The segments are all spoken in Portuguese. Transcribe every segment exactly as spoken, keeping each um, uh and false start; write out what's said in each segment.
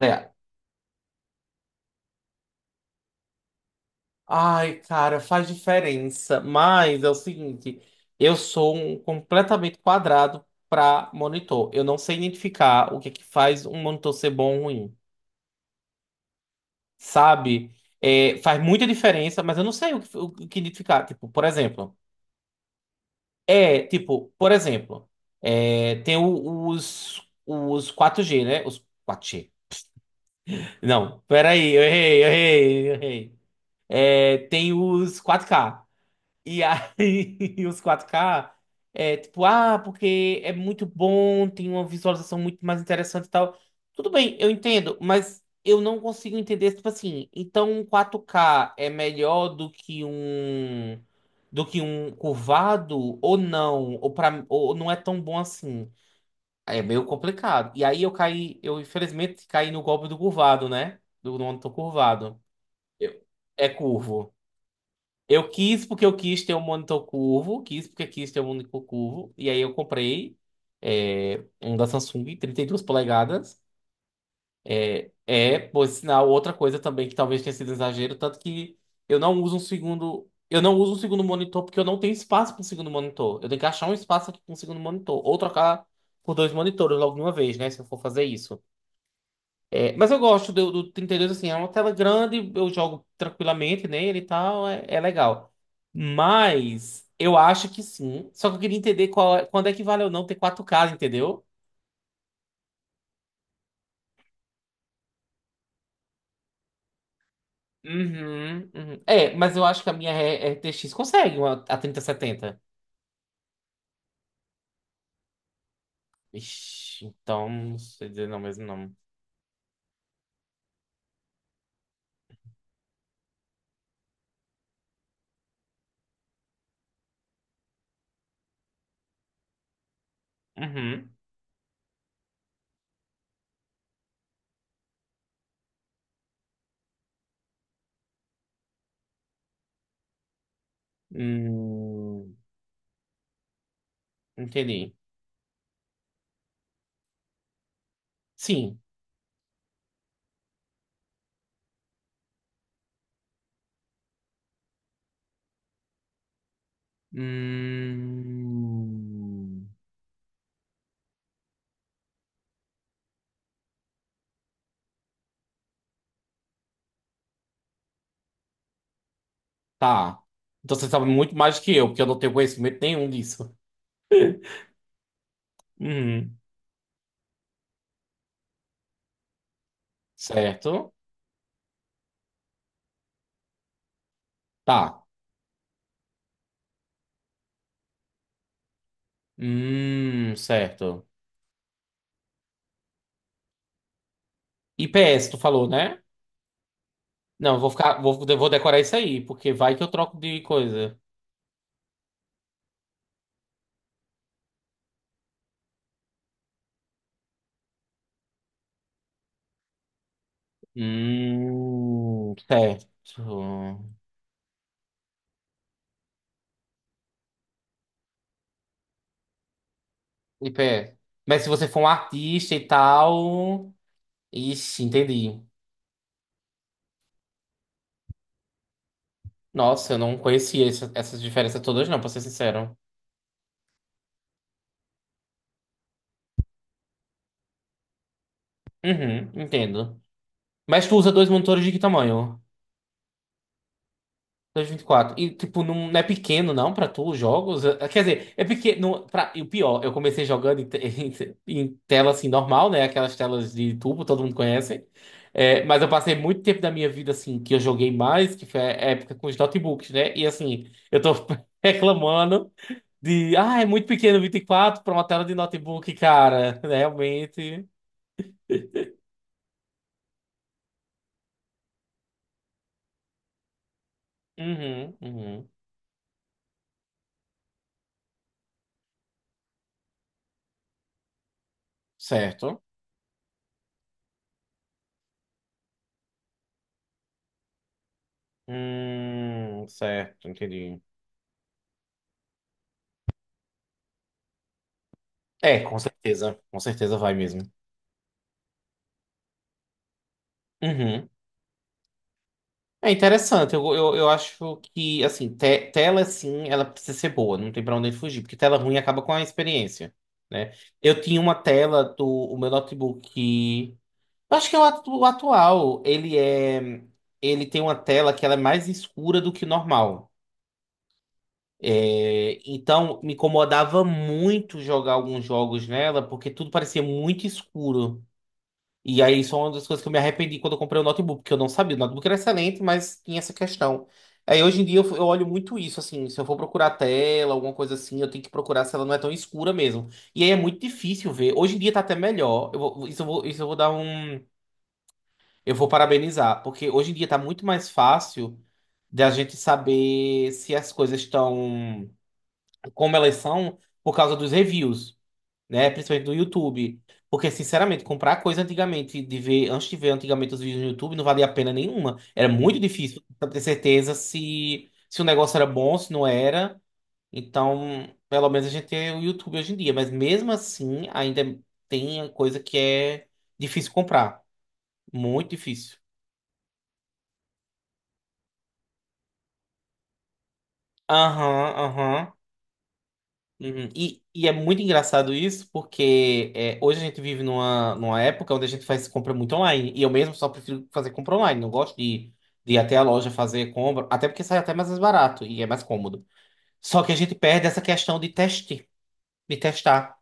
É. Ai, cara, faz diferença. Mas é o seguinte, eu sou um completamente quadrado para monitor. Eu não sei identificar o que é que faz um monitor ser bom ou ruim, sabe? É, faz muita diferença, mas eu não sei o que, o que identificar. Tipo, por exemplo, é tipo, por exemplo, é, tem o- os os quatro g, né? Os quatro g. Não, peraí, eu errei, eu errei, eu errei. É, tem os quatro k. E aí, os quatro k, é tipo, ah, porque é muito bom, tem uma visualização muito mais interessante e tal. Tudo bem, eu entendo, mas eu não consigo entender, tipo assim, então um quatro k é melhor do que um do que um curvado ou não, ou para ou não é tão bom assim. É meio complicado. E aí eu caí, eu infelizmente caí no golpe do curvado, né? Do do monitor curvado. Eu- É curvo. Eu quis porque eu quis ter um monitor curvo, quis porque quis ter um monitor curvo, e aí eu comprei é, um da Samsung, trinta e duas polegadas. É, é, por sinal, outra coisa também que talvez tenha sido um exagero, tanto que eu não uso um segundo, eu não uso um segundo monitor porque eu não tenho espaço para um segundo monitor. Eu tenho que achar um espaço aqui para um segundo monitor, ou trocar por dois monitores logo de uma vez, né, se eu for fazer isso. É, mas eu gosto do, do trinta e dois, assim, é uma tela grande, eu jogo tranquilamente nele e tal, é, é legal. Mas eu acho que sim. Só que eu queria entender qual, é- quando é que vale ou não ter quatro k, entendeu? Uhum, uhum. É, mas eu acho que a minha R- RTX consegue uma, a trinta setenta. Ixi, então, não sei dizer não mesmo não. Uhum. Hum, entendi. Sim. Hum. Tá. Então você sabe muito mais que eu, porque eu não tenho conhecimento nenhum disso. Uhum. Certo. Tá. Hum, certo. I P S, tu falou, né? Não, eu vou ficar, vou, eu vou decorar isso aí, porque vai que eu troco de coisa. Hum, certo. I P S. Mas se você for um artista e tal. Ixi, entendi. Nossa, eu não conhecia essa- essas diferenças todas, não, pra ser sincero. Uhum, entendo. Mas tu usa dois monitores de que tamanho? vinte, vinte e quatro. E, vinte e quatro e tipo, não, não é pequeno, não, pra tu, os jogos? Eh, Quer dizer, é pequeno. Pra, e o pior, eu comecei jogando em, te- em tela, assim, normal, né? Aquelas telas de tubo, todo mundo conhece. Eh, mas eu passei muito tempo da minha vida, assim, que eu joguei mais, que foi a época com os notebooks, né? E, assim, eu tô reclamando de. Ah, é muito pequeno vinte e quatro pra uma tela de notebook, cara. Realmente. Uhum, uhum. Certo. Hum, certo, entendi. É, com certeza. Com certeza vai mesmo. Uhum. É interessante, eu, eu, eu acho que, assim, te- tela, sim, ela precisa ser boa, não tem pra onde fugir, porque tela ruim acaba com a experiência, né? Eu tinha uma tela do o meu notebook, eu acho que é o, atu- o atual, ele é, ele tem uma tela que ela é mais escura do que o normal. É, então, me incomodava muito jogar alguns jogos nela, porque tudo parecia muito escuro. E aí, isso é uma das coisas que eu me arrependi quando eu comprei o notebook, porque eu não sabia. O notebook era excelente, mas tinha essa questão. Aí, hoje em dia, eu, f- eu olho muito isso, assim. Se eu for procurar a tela, alguma coisa assim, eu tenho que procurar se ela não é tão escura mesmo. E aí, é muito difícil ver. Hoje em dia, tá até melhor. Eu vou- isso eu vou, isso eu vou dar um. Eu vou parabenizar, porque hoje em dia tá muito mais fácil da gente saber se as coisas estão como elas são, por causa dos reviews, né? Principalmente do YouTube. Porque, sinceramente, comprar coisa antigamente, de ver, antes de ver antigamente os vídeos no YouTube, não valia a pena nenhuma. Era muito difícil pra ter certeza se, se o negócio era bom, se não era. Então, pelo menos a gente tem o YouTube hoje em dia. Mas mesmo assim, ainda tem coisa que é difícil comprar. Muito difícil. Aham, aham. Uhum. E, e é muito engraçado isso, porque é, hoje a gente vive numa, numa época onde a gente faz compra muito online. E eu mesmo só prefiro fazer compra online. Não gosto de, de ir até a loja fazer compra, até porque sai até mais barato e é mais cômodo. Só que a gente perde essa questão de teste, de testar,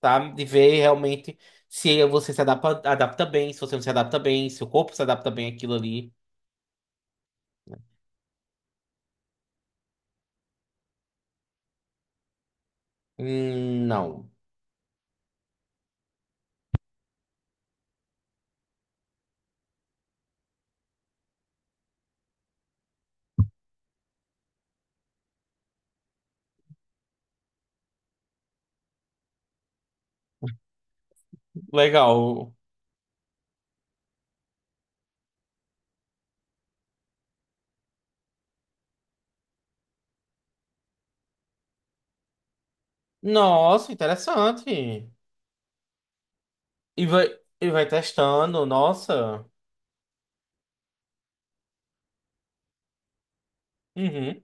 tá? De ver realmente se você se adapta, adapta bem, se você não se adapta bem, se o corpo se adapta bem àquilo ali. Hum, não. Legal. Nossa, interessante. E vai, e vai testando, nossa. Uhum.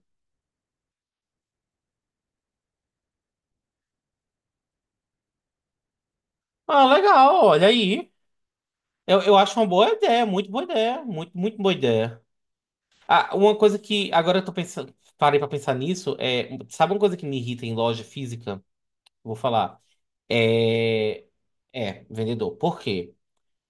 Ah, legal, olha aí. Eu, eu acho uma boa ideia, muito boa ideia, muito, muito boa ideia. Ah, uma coisa que agora eu tô pensando, parei pra pensar nisso, é, sabe uma coisa que me irrita em loja física? Eu Vou falar. É, é vendedor. Por quê?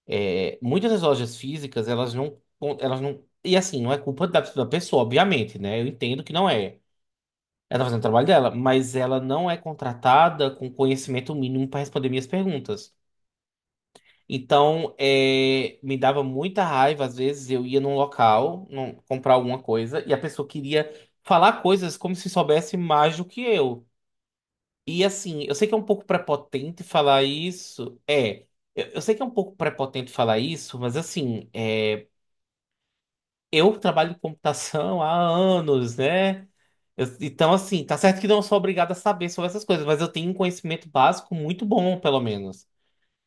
É, muitas das lojas físicas, elas não, elas não, e assim, não é culpa da, da pessoa, obviamente, né? Eu entendo que não é. Ela tá fazendo o trabalho dela, mas ela não é contratada com conhecimento mínimo para responder minhas perguntas. Então, é, me dava muita raiva, às vezes eu ia num local num- comprar alguma coisa e a pessoa queria falar coisas como se soubesse mais do que eu. E assim, eu sei que é um pouco prepotente falar isso. É, eu, eu sei que é um pouco prepotente falar isso, mas assim, é, eu trabalho em computação há anos, né? Eu- então, assim, tá certo que não sou obrigado a saber sobre essas coisas, mas eu tenho um conhecimento básico muito bom, pelo menos.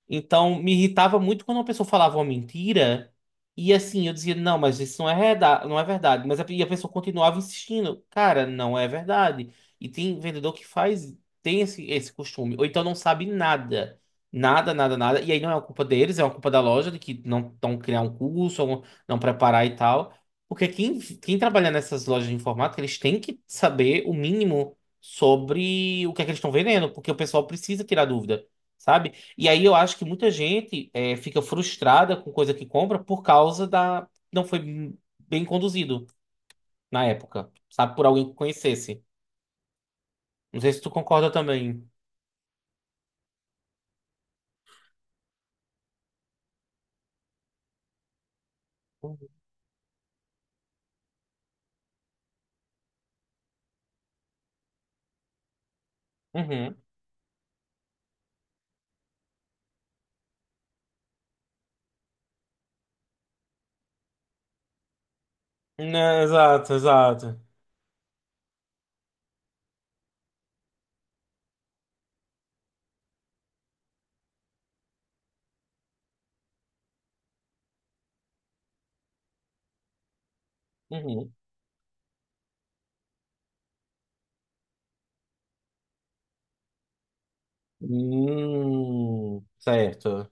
Então, me irritava muito quando uma pessoa falava uma mentira e assim, eu dizia, não, mas isso não é, reda- não é verdade. Mas a, e a pessoa continuava insistindo, cara, não é verdade. E tem vendedor que faz, tem esse, esse costume, ou então não sabe nada. Nada, nada, nada. E aí não é uma culpa deles, é uma culpa da loja de que não estão criar um curso, ou não preparar e tal. Porque quem, quem trabalha nessas lojas de informática, eles têm que saber o mínimo sobre o que é que eles estão vendendo, porque o pessoal precisa tirar dúvida, sabe? E aí eu acho que muita gente é, fica frustrada com coisa que compra por causa da. Não foi bem conduzido na época, sabe? Por alguém que conhecesse. Não sei se tu concorda também. Uhum. Uhum. Né, exato, exato. Uhum. Hum, certo.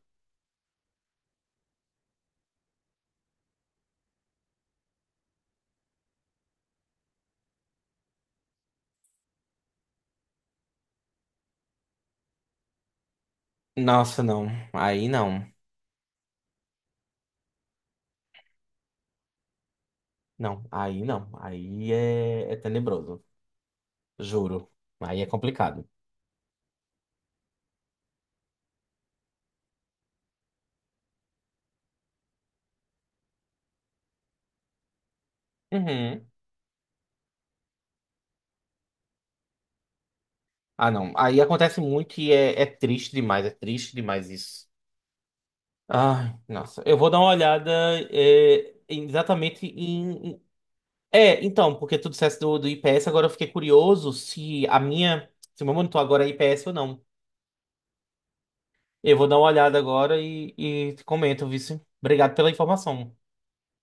Nossa, não. Aí não. Não, aí não. Aí é, é tenebroso. Juro. Aí é complicado. Uhum. Ah, não. Aí acontece muito e é é triste demais. É triste demais isso. Ai, nossa. Eu vou dar uma olhada é, em- exatamente em. em- É, então, porque tu dissesse do, do I P S, agora eu fiquei curioso se a minha. Se o meu monitor agora é I P S ou não. Eu vou dar uma olhada agora e, e te comento, vice. Obrigado pela informação.